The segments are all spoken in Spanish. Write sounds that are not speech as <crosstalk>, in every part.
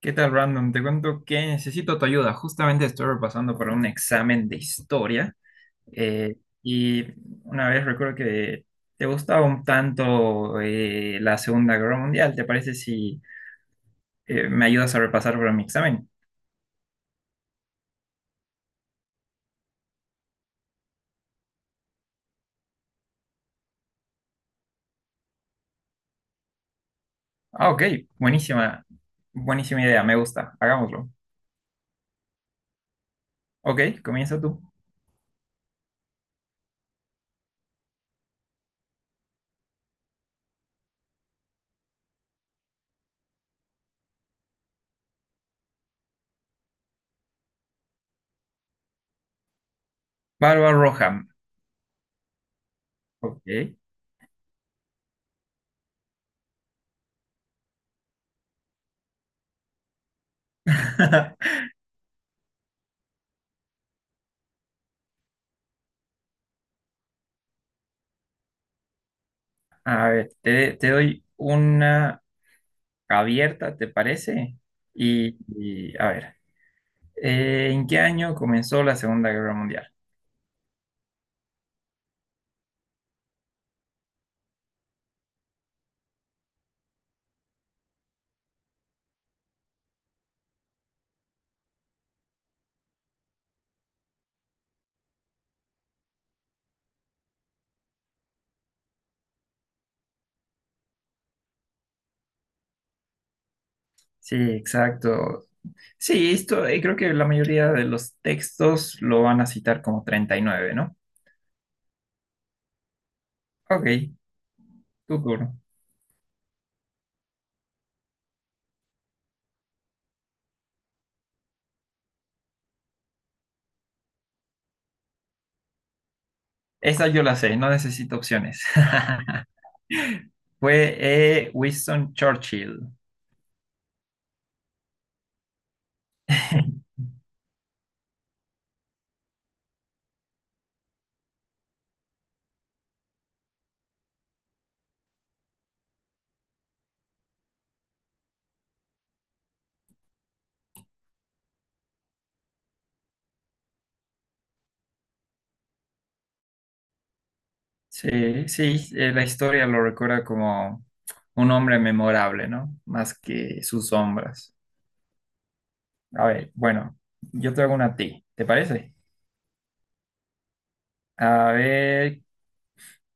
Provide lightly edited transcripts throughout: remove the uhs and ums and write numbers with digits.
¿Qué tal, Brandon? Te cuento que necesito tu ayuda. Justamente estoy repasando para un examen de historia eh, y una vez recuerdo que te gustaba un tanto la Segunda Guerra Mundial. ¿Te parece si me ayudas a repasar para mi examen? Ah, ok, buenísima, buenísima idea, me gusta, hagámoslo. Ok, comienza tú. Barba Roja. Ok. <laughs> A ver, te doy una abierta, ¿te parece? Y a ver. ¿En qué año comenzó la Segunda Guerra Mundial? Sí, exacto. Sí, esto creo que la mayoría de los textos lo van a citar como 39, ¿no? Ok, tu turno. Esa yo la sé, no necesito opciones. <laughs> Fue Winston Churchill. <laughs> Sí, sí, la historia lo recuerda como un hombre memorable, ¿no? Más que sus sombras. A ver, bueno, yo te hago una a ti, ¿te parece? A ver,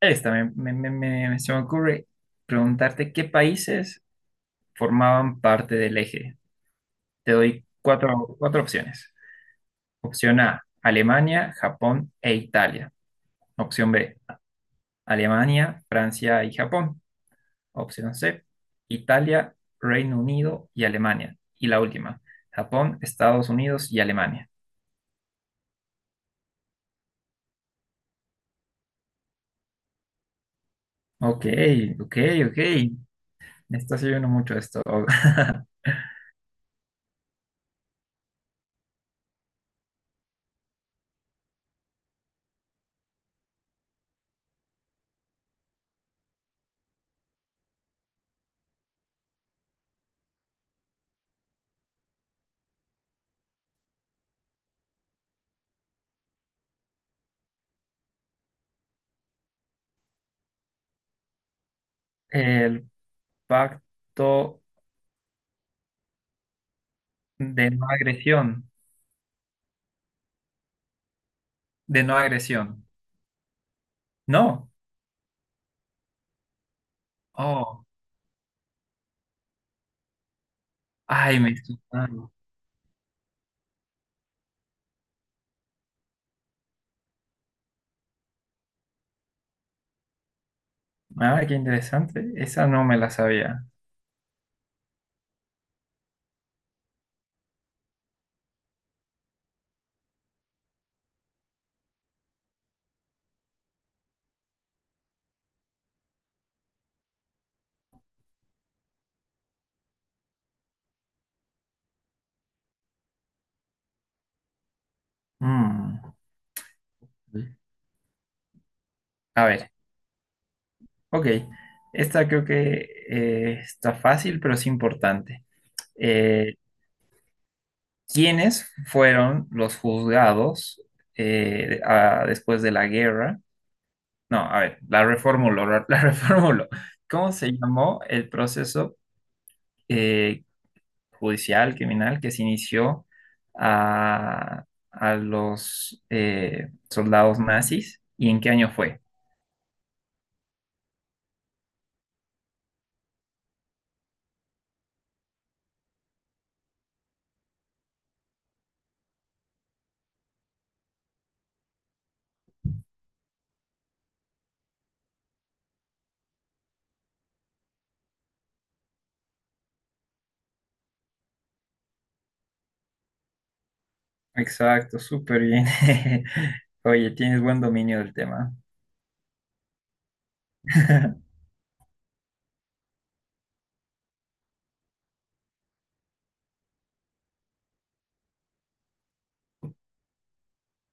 Esta me, me- me- me- se me ocurre preguntarte qué países formaban parte del eje. Te doy cuatro opciones. Opción A, Alemania, Japón e Italia. Opción B, Alemania, Francia y Japón. Opción C, Italia, Reino Unido y Alemania. Y la última, Japón, Estados Unidos y Alemania. Ok, ok, ok. Me estás ayudando mucho esto. <laughs> El pacto de no agresión. De no agresión. No. Oh, ay, me estoy- ah, ah, qué interesante. Esa no me la sabía. Mm. A ver, ok. Esta creo que está fácil, pero es importante. Eh, ¿Quiénes fueron los juzgados después de la guerra? No, a ver, la reformulo, la la <laughs> reformulo. ¿Cómo se llamó el proceso eh, judicial, criminal, que se inició a, a los soldados nazis. ¿Y en qué año fue? Exacto, súper bien. <laughs> Oye, tienes buen dominio del tema. <laughs>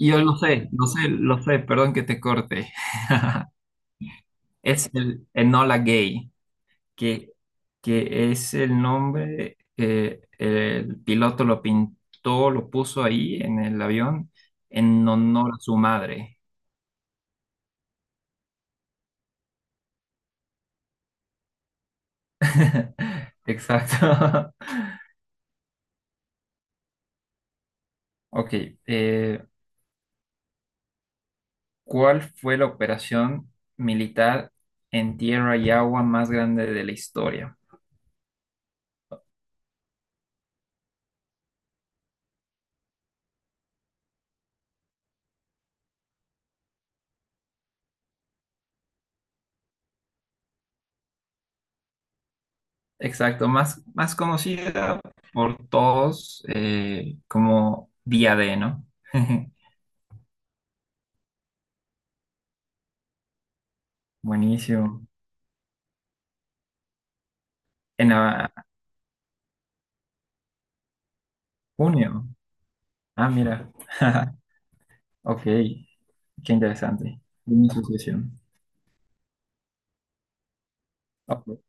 Yo lo sé, lo sé, lo sé, perdón que te corte. <laughs> Es el Enola Gay, que, que es el nombre, el piloto lo pintó, lo puso ahí en el avión en honor a su madre. <laughs> Exacto. <laughs> Ok, eh, ¿cuál fue la operación militar en tierra y agua más grande de la historia? Exacto, más, más conocida por todos como Día D, ¿no? <laughs> Buenísimo. En ah, junio. Ah, mira. <laughs> Ok, qué interesante. Buena asociación. Ok.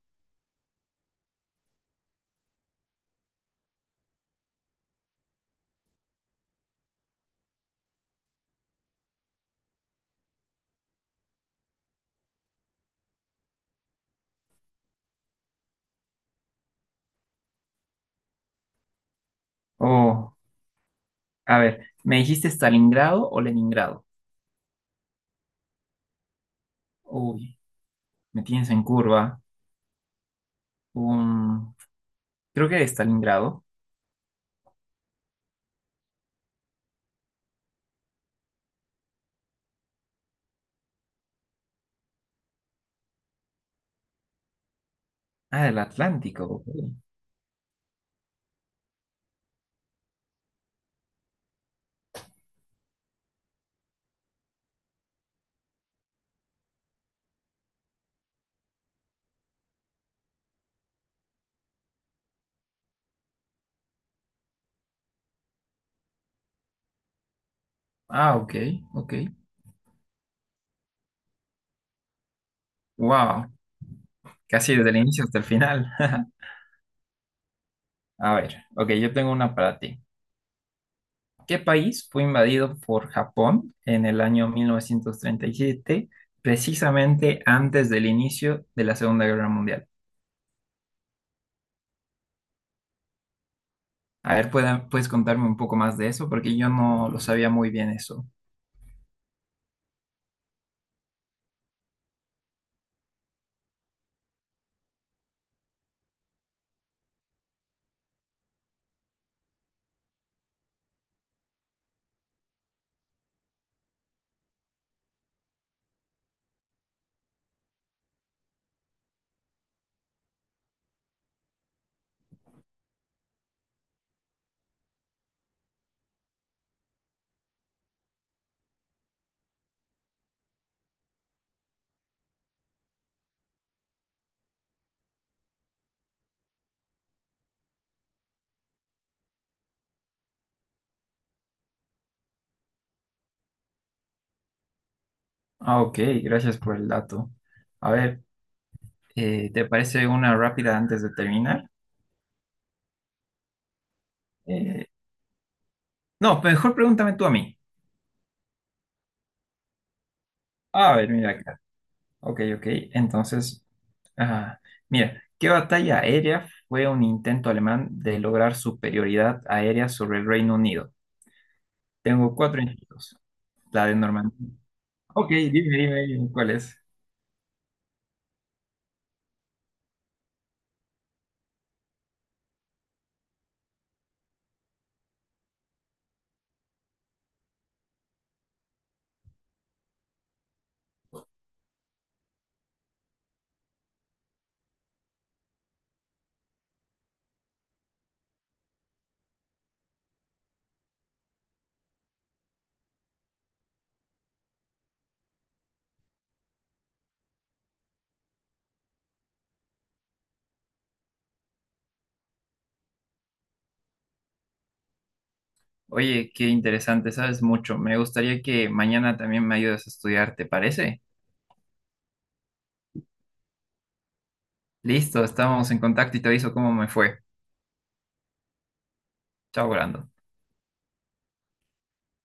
Oh, a ver, ¿me dijiste Stalingrado o Leningrado? Uy, me tienes en curva. un, creo que de Stalingrado. Ah, del Atlántico. Ok. Ah, ok, ok. Wow, casi desde el inicio hasta el final. <laughs> A ver, ok, yo tengo una para ti. ¿Qué país fue invadido por Japón en el año 1937 precisamente antes del inicio de la Segunda Guerra Mundial? A ver, ¿puedes contarme un poco más de eso? Porque yo no lo sabía muy bien eso. Ah, ok, gracias por el dato. A ver, ¿te parece una rápida antes de terminar? Eh, No, pues, mejor pregúntame tú a mí. A ver, mira acá. Ok, ok. Entonces, ah, mira, ¿qué batalla aérea fue un intento alemán de lograr superioridad aérea sobre el Reino Unido? Tengo cuatro intentos. La de Normandía. Ok, dime, dime, dime, ¿cuál es? Oye, qué interesante, sabes mucho. Me gustaría que mañana también me ayudes a estudiar, ¿te parece? Listo, estamos en contacto y te aviso cómo me fue. Chao, Brando.